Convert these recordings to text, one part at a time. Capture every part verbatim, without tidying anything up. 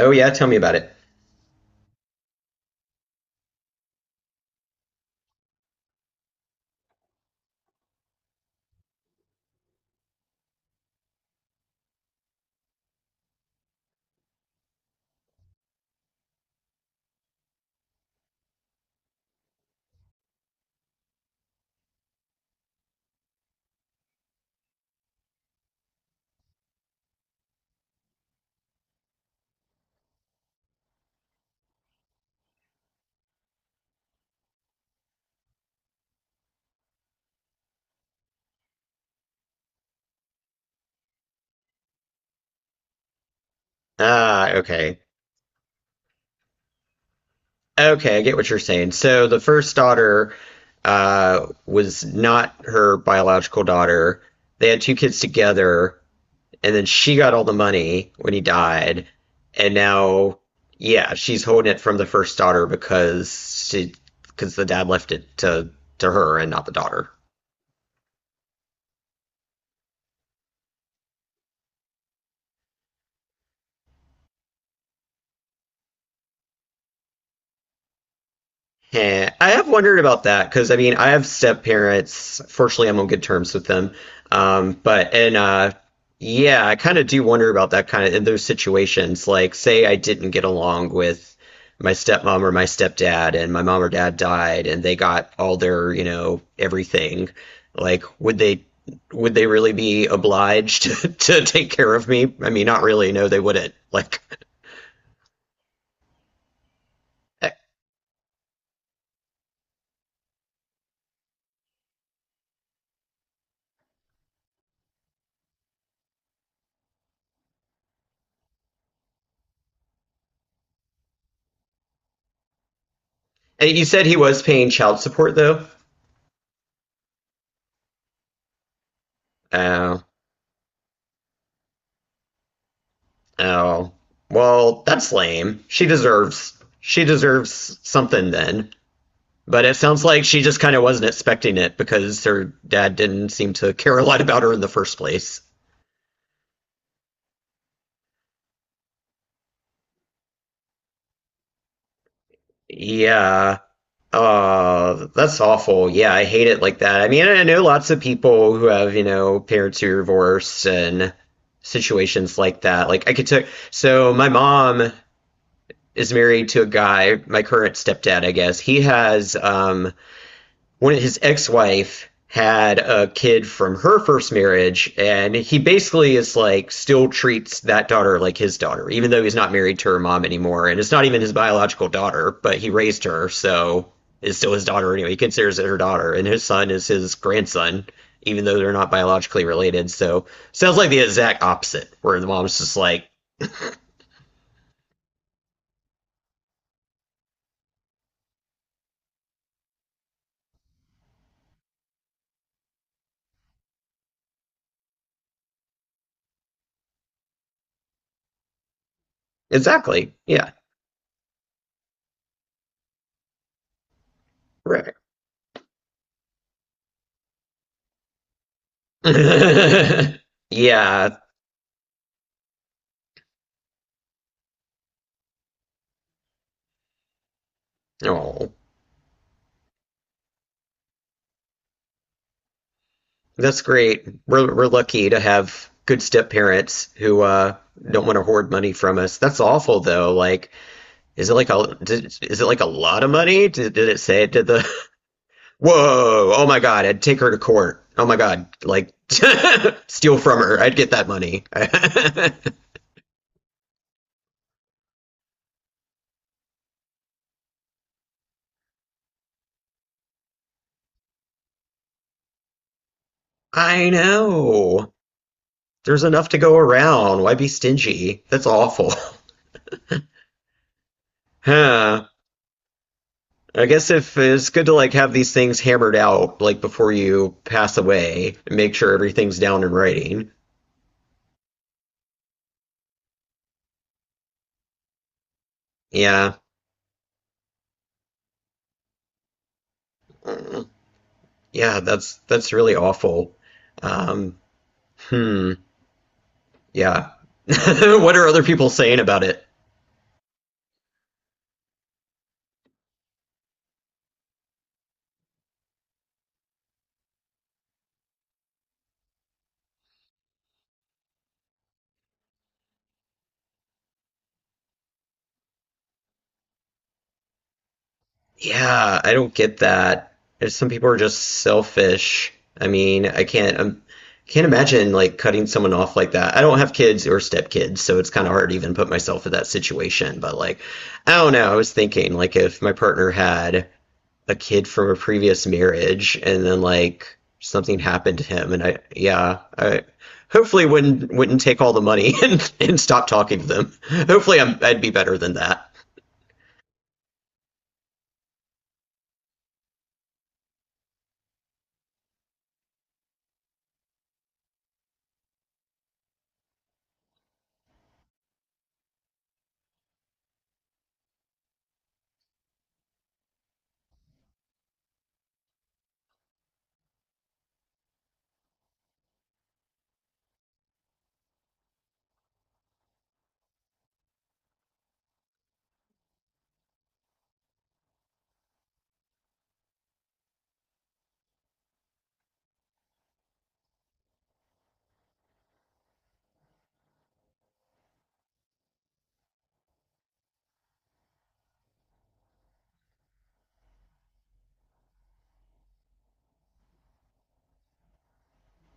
Oh yeah, tell me about it. Ah, okay. Okay, I get what you're saying. So the first daughter uh was not her biological daughter. They had two kids together, and then she got all the money when he died, and now yeah, she's holding it from the first daughter because she because the dad left it to to her and not the daughter. Yeah, I have wondered about that because I mean, I have step parents. Fortunately, I'm on good terms with them. Um, but and uh, Yeah, I kind of do wonder about that kind of in those situations. Like, say I didn't get along with my stepmom or my stepdad, and my mom or dad died, and they got all their, you know, everything. Like, would they would they really be obliged to take care of me? I mean, not really. No, they wouldn't. Like, and you said he was paying child support though. Oh. Oh, well, that's lame. She deserves she deserves something then. But it sounds like she just kind of wasn't expecting it because her dad didn't seem to care a lot about her in the first place. Yeah. Uh, that's awful. Yeah, I hate it like that. I mean, I know lots of people who have, you know, parents who are divorced and situations like that. Like I could take so my mom is married to a guy, my current stepdad, I guess. He has um one of his ex-wife had a kid from her first marriage, and he basically is like still treats that daughter like his daughter, even though he's not married to her mom anymore, and it's not even his biological daughter, but he raised her, so is still his daughter. Anyway, he considers it her daughter, and his son is his grandson, even though they're not biologically related. So sounds like the exact opposite, where the mom's just like exactly. Yeah, right. Yeah. Oh. That's great. We're we're lucky to have good step parents who uh don't want to hoard money from us. That's awful though. Like, is it like a did, is it like a lot of money? Did, did it say it? Did the Whoa? Oh my God! I'd take her to court. Oh my God! Like steal from her. I'd get that money. I know. There's enough to go around. Why be stingy? That's awful. Huh. I guess if it's good to like have these things hammered out like before you pass away and make sure everything's down in writing. Yeah. Mm, yeah, that's that's really awful. Um, hmm. Yeah. What are other people saying about it? Yeah, I don't get that. There's some people are just selfish. I mean, I can't um, can't imagine like cutting someone off like that. I don't have kids or stepkids, so it's kind of hard to even put myself in that situation. But like, I don't know. I was thinking like if my partner had a kid from a previous marriage and then like something happened to him, and I yeah, I hopefully wouldn't wouldn't take all the money and and stop talking to them. Hopefully, I'm I'd be better than that.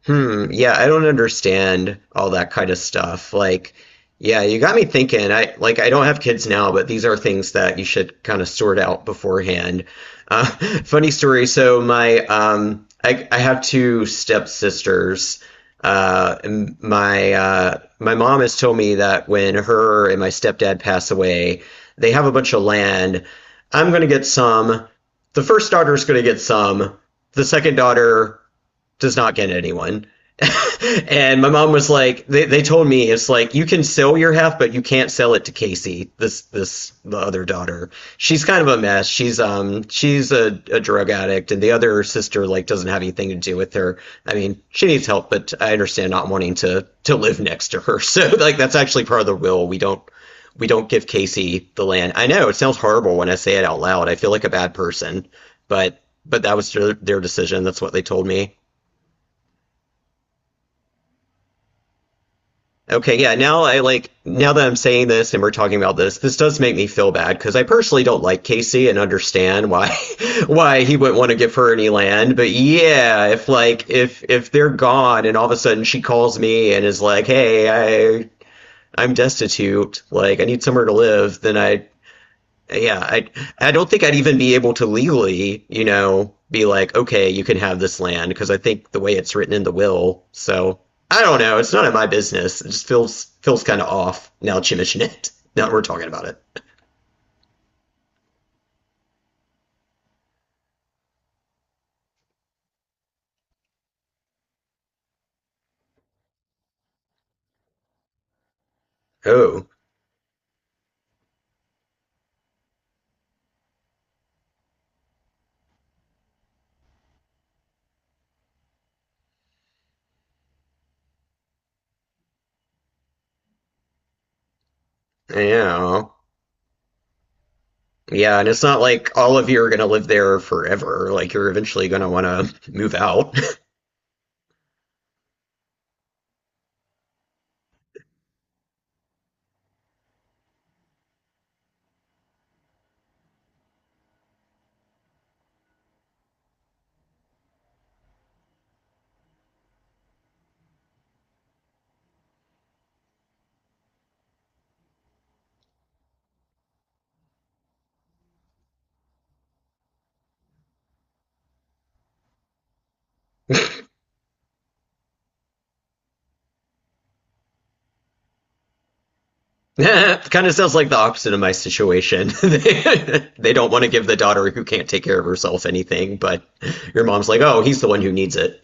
Hmm, yeah, I don't understand all that kind of stuff. Like, yeah, you got me thinking. I like I don't have kids now, but these are things that you should kind of sort out beforehand. Uh, Funny story. So my um I I have two stepsisters. Uh and my uh my mom has told me that when her and my stepdad pass away, they have a bunch of land. I'm gonna get some. The first daughter's gonna get some. The second daughter does not get anyone. And my mom was like, they, they told me it's like you can sell your half, but you can't sell it to Casey, this this the other daughter. She's kind of a mess. She's um she's a, a drug addict, and the other sister like doesn't have anything to do with her. I mean, she needs help, but I understand not wanting to to live next to her. So like that's actually part of the will. We don't we don't give Casey the land. I know it sounds horrible when I say it out loud. I feel like a bad person, but but that was their, their decision. That's what they told me. Okay, yeah, now I like now that I'm saying this and we're talking about this, this does make me feel bad because I personally don't like Casey and understand why why he wouldn't want to give her any land. But yeah, if like if if they're gone and all of a sudden she calls me and is like, "Hey, I I'm destitute, like I need somewhere to live," then I yeah, I I don't think I'd even be able to legally, you know, be like, okay, you can have this land because I think the way it's written in the will. So I don't know. It's none of my business. It just feels feels kind of off now that you mention it. Now that we're talking about it. Oh, yeah, yeah, and it's not like all of you are gonna live there forever. Like you're eventually gonna want to move out. Kind of sounds like the opposite of my situation. they, they don't want to give the daughter who can't take care of herself anything, but your mom's like, oh, he's the one who needs it.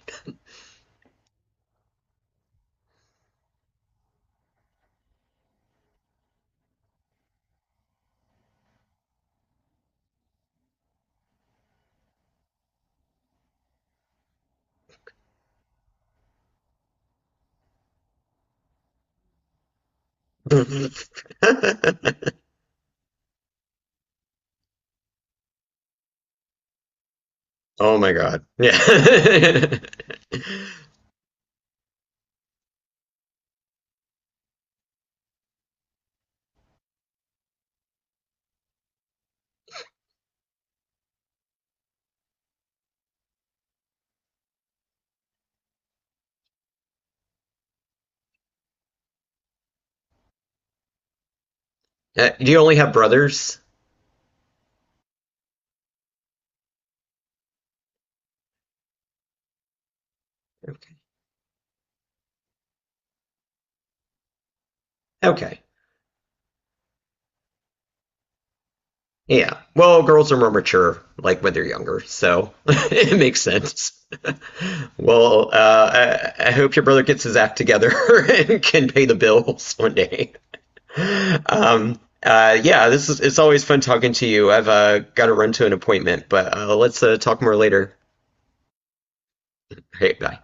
Oh my god. Yeah. Uh, do you only have brothers? Okay. Okay. Yeah. Well, girls are more mature, like when they're younger, so it makes sense. Well, uh, I, I hope your brother gets his act together and can pay the bills one day. Um, uh, yeah, this is it's always fun talking to you. I've uh, got to run to an appointment, but uh, let's uh, talk more later. Hey, bye.